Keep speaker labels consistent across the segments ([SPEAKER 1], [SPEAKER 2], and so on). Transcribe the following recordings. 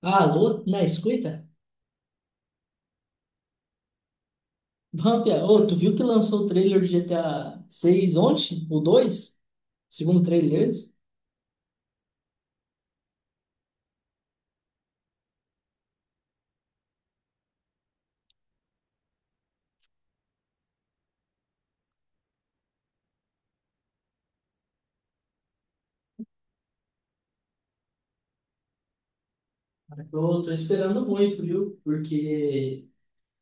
[SPEAKER 1] Ah, alô, na escuta? Bom, pia. Ô, tu viu que lançou o trailer de GTA 6 ontem? O 2? Segundo trailer? Eu tô esperando muito, viu? Porque,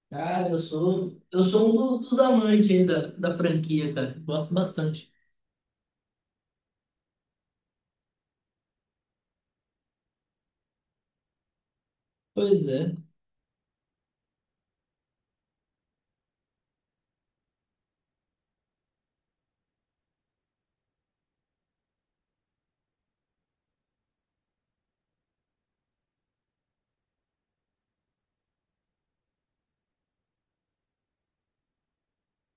[SPEAKER 1] cara, eu sou um dos amantes aí da franquia, cara. Gosto bastante. Pois é.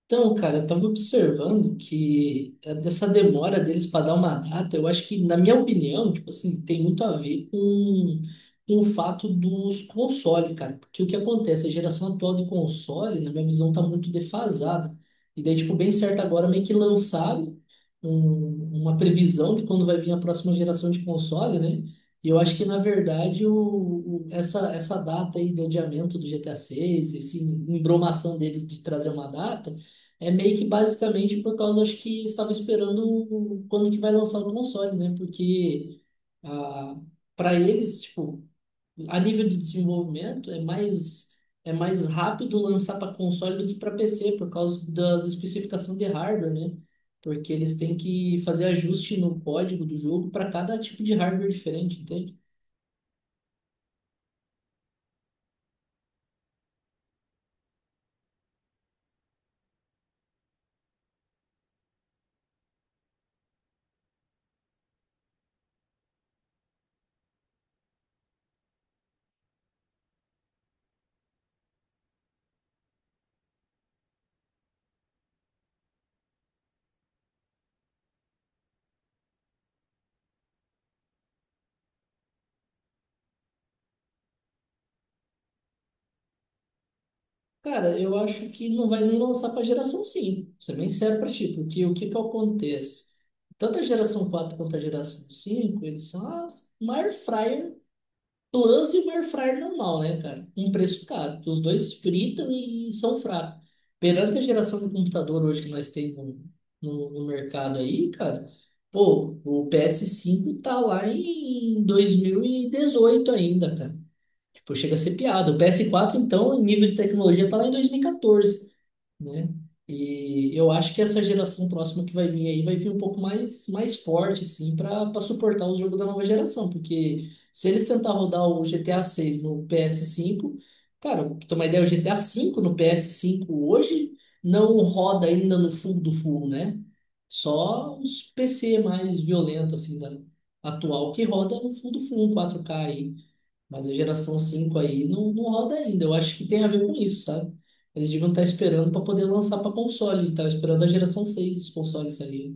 [SPEAKER 1] Então, cara, eu estava observando que dessa demora deles para dar uma data, eu acho que, na minha opinião, tipo assim, tem muito a ver com o fato dos consoles, cara. Porque o que acontece? A geração atual de console, na minha visão, tá muito defasada. E daí, tipo, bem certo agora, meio que lançaram uma previsão de quando vai vir a próxima geração de console, né? E eu acho que, na verdade, essa data aí de adiamento do GTA VI, essa embromação deles de trazer uma data, é meio que basicamente por causa, acho que estava esperando quando que vai lançar o console, né? Porque ah, para eles, tipo, a nível de desenvolvimento é mais rápido lançar para console do que para PC por causa das especificações de hardware, né? Porque eles têm que fazer ajuste no código do jogo para cada tipo de hardware diferente, entende? Cara, eu acho que não vai nem lançar para geração 5. Ser bem sério para ti, porque o que acontece? Tanto a geração 4 quanto a geração cinco, eles são as, uma air fryer plus e uma air fryer normal, né, cara? Um preço caro. Os dois fritam e são fracos. Perante a geração de computador hoje que nós temos no mercado aí, cara, pô, o PS5 tá lá em 2018 ainda, cara. Pô, chega a ser piada. O PS4, então, em nível de tecnologia, tá lá em 2014, né? E eu acho que essa geração próxima que vai vir aí vai vir um pouco mais forte, assim, para suportar os jogos da nova geração. Porque se eles tentar rodar o GTA 6 no PS5, cara, pra ter uma ideia, o GTA 5 no PS5 hoje não roda ainda no full do full, né? Só os PC mais violentos, assim, da atual que roda no full do full, 4K aí. Mas a geração 5 aí não, não roda ainda. Eu acho que tem a ver com isso, sabe? Eles deviam estar esperando para poder lançar para console. Estava esperando a geração seis dos consoles ali.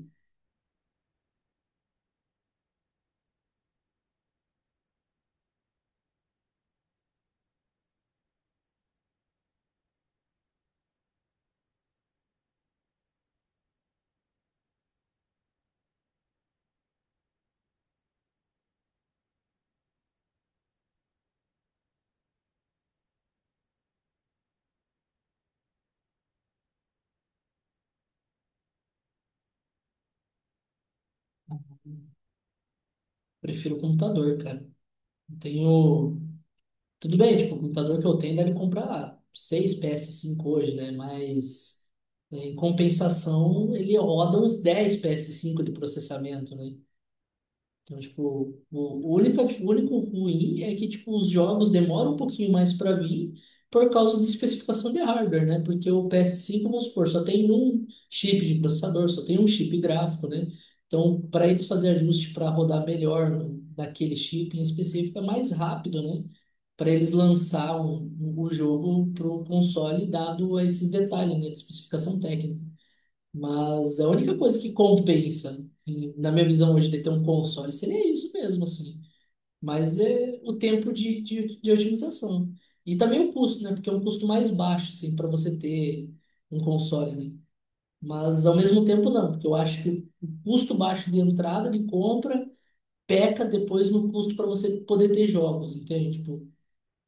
[SPEAKER 1] Prefiro o computador, cara. Eu tenho. Tudo bem, tipo, o computador que eu tenho deve comprar 6 ps cinco hoje, né? Mas é, em compensação, ele roda uns 10 ps cinco de processamento, né? Então, tipo, o único ruim é que, tipo, os jogos demoram um pouquinho mais para vir por causa da especificação de hardware, né? Porque o PS5, vamos supor, só tem um chip de processador, só tem um chip gráfico, né? Então, para eles fazer ajuste para rodar melhor naquele chip em específico, é mais rápido, né? Para eles lançar o jogo para o console, dado esses detalhes, né, de especificação técnica. Mas a única coisa que compensa, na minha visão hoje, de ter um console seria isso mesmo, assim. Mas é o tempo de otimização. E também o custo, né? Porque é um custo mais baixo, assim, para você ter um console, né? Mas ao mesmo tempo não, porque eu acho que o custo baixo de entrada, de compra, peca depois no custo para você poder ter jogos, entende? Tipo,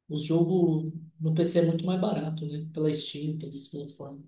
[SPEAKER 1] os jogos no PC é muito mais barato, né? Pela Steam, pelas plataformas.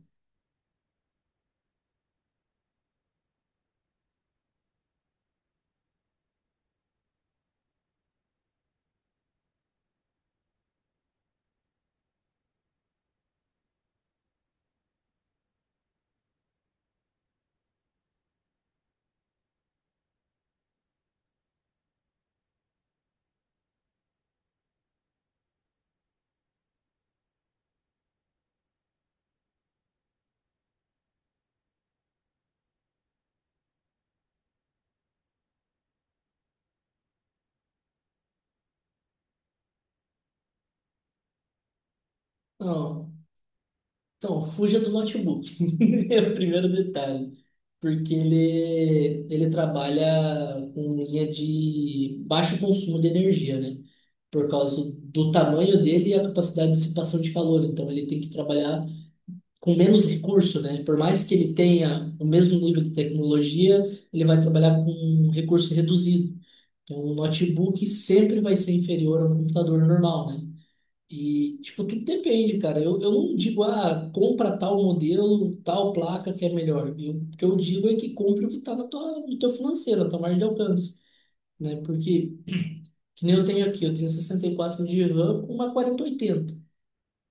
[SPEAKER 1] Não. Então, fuja do notebook. É o primeiro detalhe. Porque ele trabalha com linha de baixo consumo de energia, né? Por causa do tamanho dele e a capacidade de dissipação de calor. Então, ele tem que trabalhar com menos recurso, né? Por mais que ele tenha o mesmo nível de tecnologia, ele vai trabalhar com um recurso reduzido. Então, o notebook sempre vai ser inferior a um computador normal, né? E, tipo, tudo depende, cara. Eu não digo, ah, compra tal modelo, tal placa que é melhor. Eu, o que eu digo é que compre o que está na tua, no teu financeiro, na tua margem de alcance, né? Porque, que nem eu tenho aqui, eu tenho 64 de RAM com uma quarenta oitenta,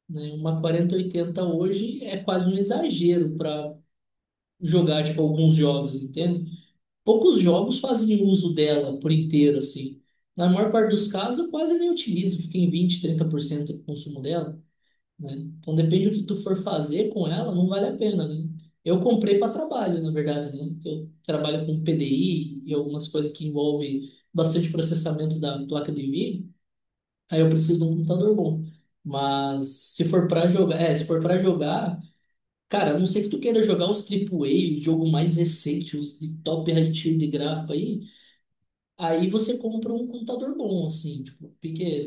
[SPEAKER 1] né? Uma quarenta oitenta hoje é quase um exagero para jogar, tipo, alguns jogos, entende? Poucos jogos fazem uso dela por inteiro, assim. Na maior parte dos casos, eu quase nem utilizo, fica em 20 a 30% do consumo dela, né? Então depende do que tu for fazer com ela, não vale a pena, né? Eu comprei para trabalho, na verdade, né? Eu trabalho com PDI e algumas coisas que envolvem bastante processamento da placa de vídeo. Aí eu preciso de um computador bom. Mas se for para jogar, é, se for para jogar, cara, a não sei que tu queira jogar os AAA, os jogos mais recentes, os de top high tier de gráfico aí, aí você compra um computador bom, assim, tipo, porque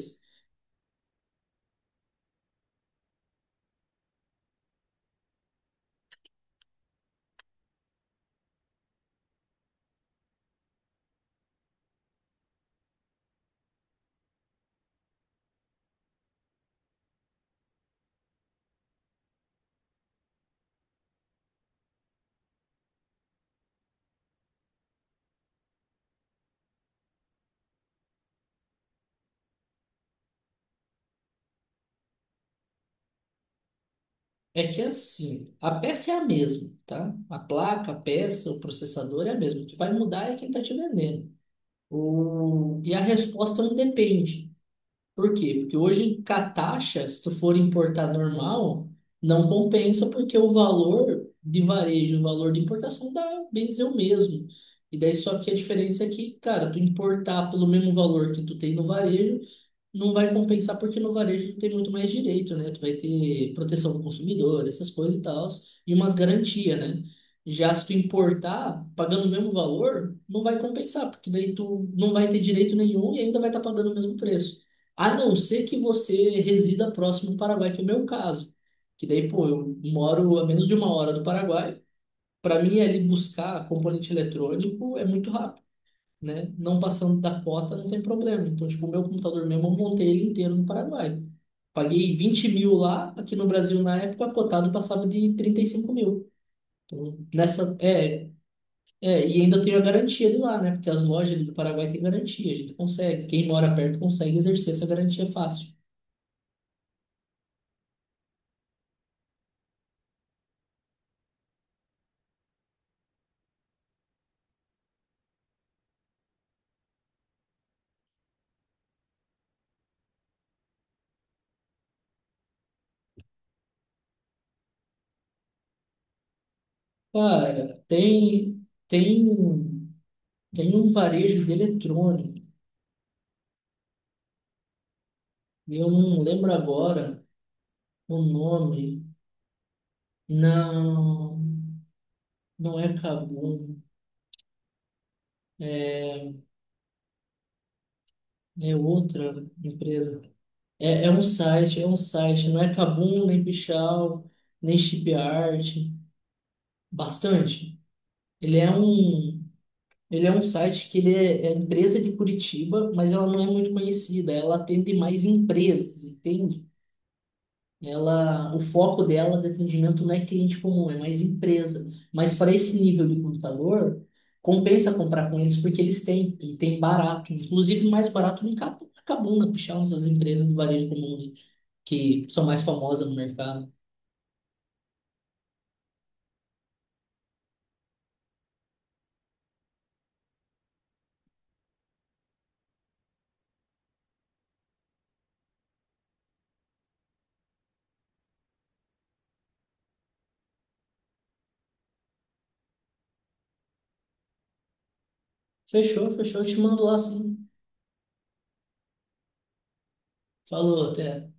[SPEAKER 1] é que assim, a peça é a mesma, tá? A placa, a peça, o processador é a mesma. O que vai mudar é quem está te vendendo. E a resposta não depende. Por quê? Porque hoje, com a taxa, se tu for importar normal, não compensa, porque o valor de varejo, o valor de importação dá, bem dizer, o mesmo. E daí só que a diferença é que, cara, tu importar pelo mesmo valor que tu tem no varejo, não vai compensar porque no varejo tem muito mais direito, né? Tu vai ter proteção do consumidor, essas coisas e tal, e umas garantias, né? Já se tu importar, pagando o mesmo valor, não vai compensar, porque daí tu não vai ter direito nenhum e ainda vai estar pagando o mesmo preço. A não ser que você resida próximo do Paraguai, que é o meu caso. Que daí, pô, eu moro a menos de uma hora do Paraguai. Para mim, ali buscar componente eletrônico é muito rápido, né? Não passando da cota, não tem problema. Então, tipo, o meu computador mesmo, eu montei ele inteiro no Paraguai. Paguei 20 mil lá, aqui no Brasil na época, cotado passava de 35 mil. Então, nessa, é, e ainda tenho a garantia de lá, né? Porque as lojas ali do Paraguai têm garantia, a gente consegue. Quem mora perto consegue exercer essa garantia fácil. Cara, tem um varejo de eletrônico. Eu não lembro agora o nome. Não. Não é Kabum, é é outra empresa. É um site. Não é Kabum, nem Pichal nem Shipyard. Bastante. Ele é um, ele é um site que é empresa de Curitiba, mas ela não é muito conhecida. Ela atende mais empresas, entende? Ela, o foco dela de atendimento não é cliente comum, é mais empresa. Mas para esse nível de computador, compensa comprar com eles porque eles têm, e tem barato, inclusive mais barato do que a que puxar umas das empresas do varejo comum que são mais famosas no mercado. Fechou, eu te mando lá sim. Falou, até.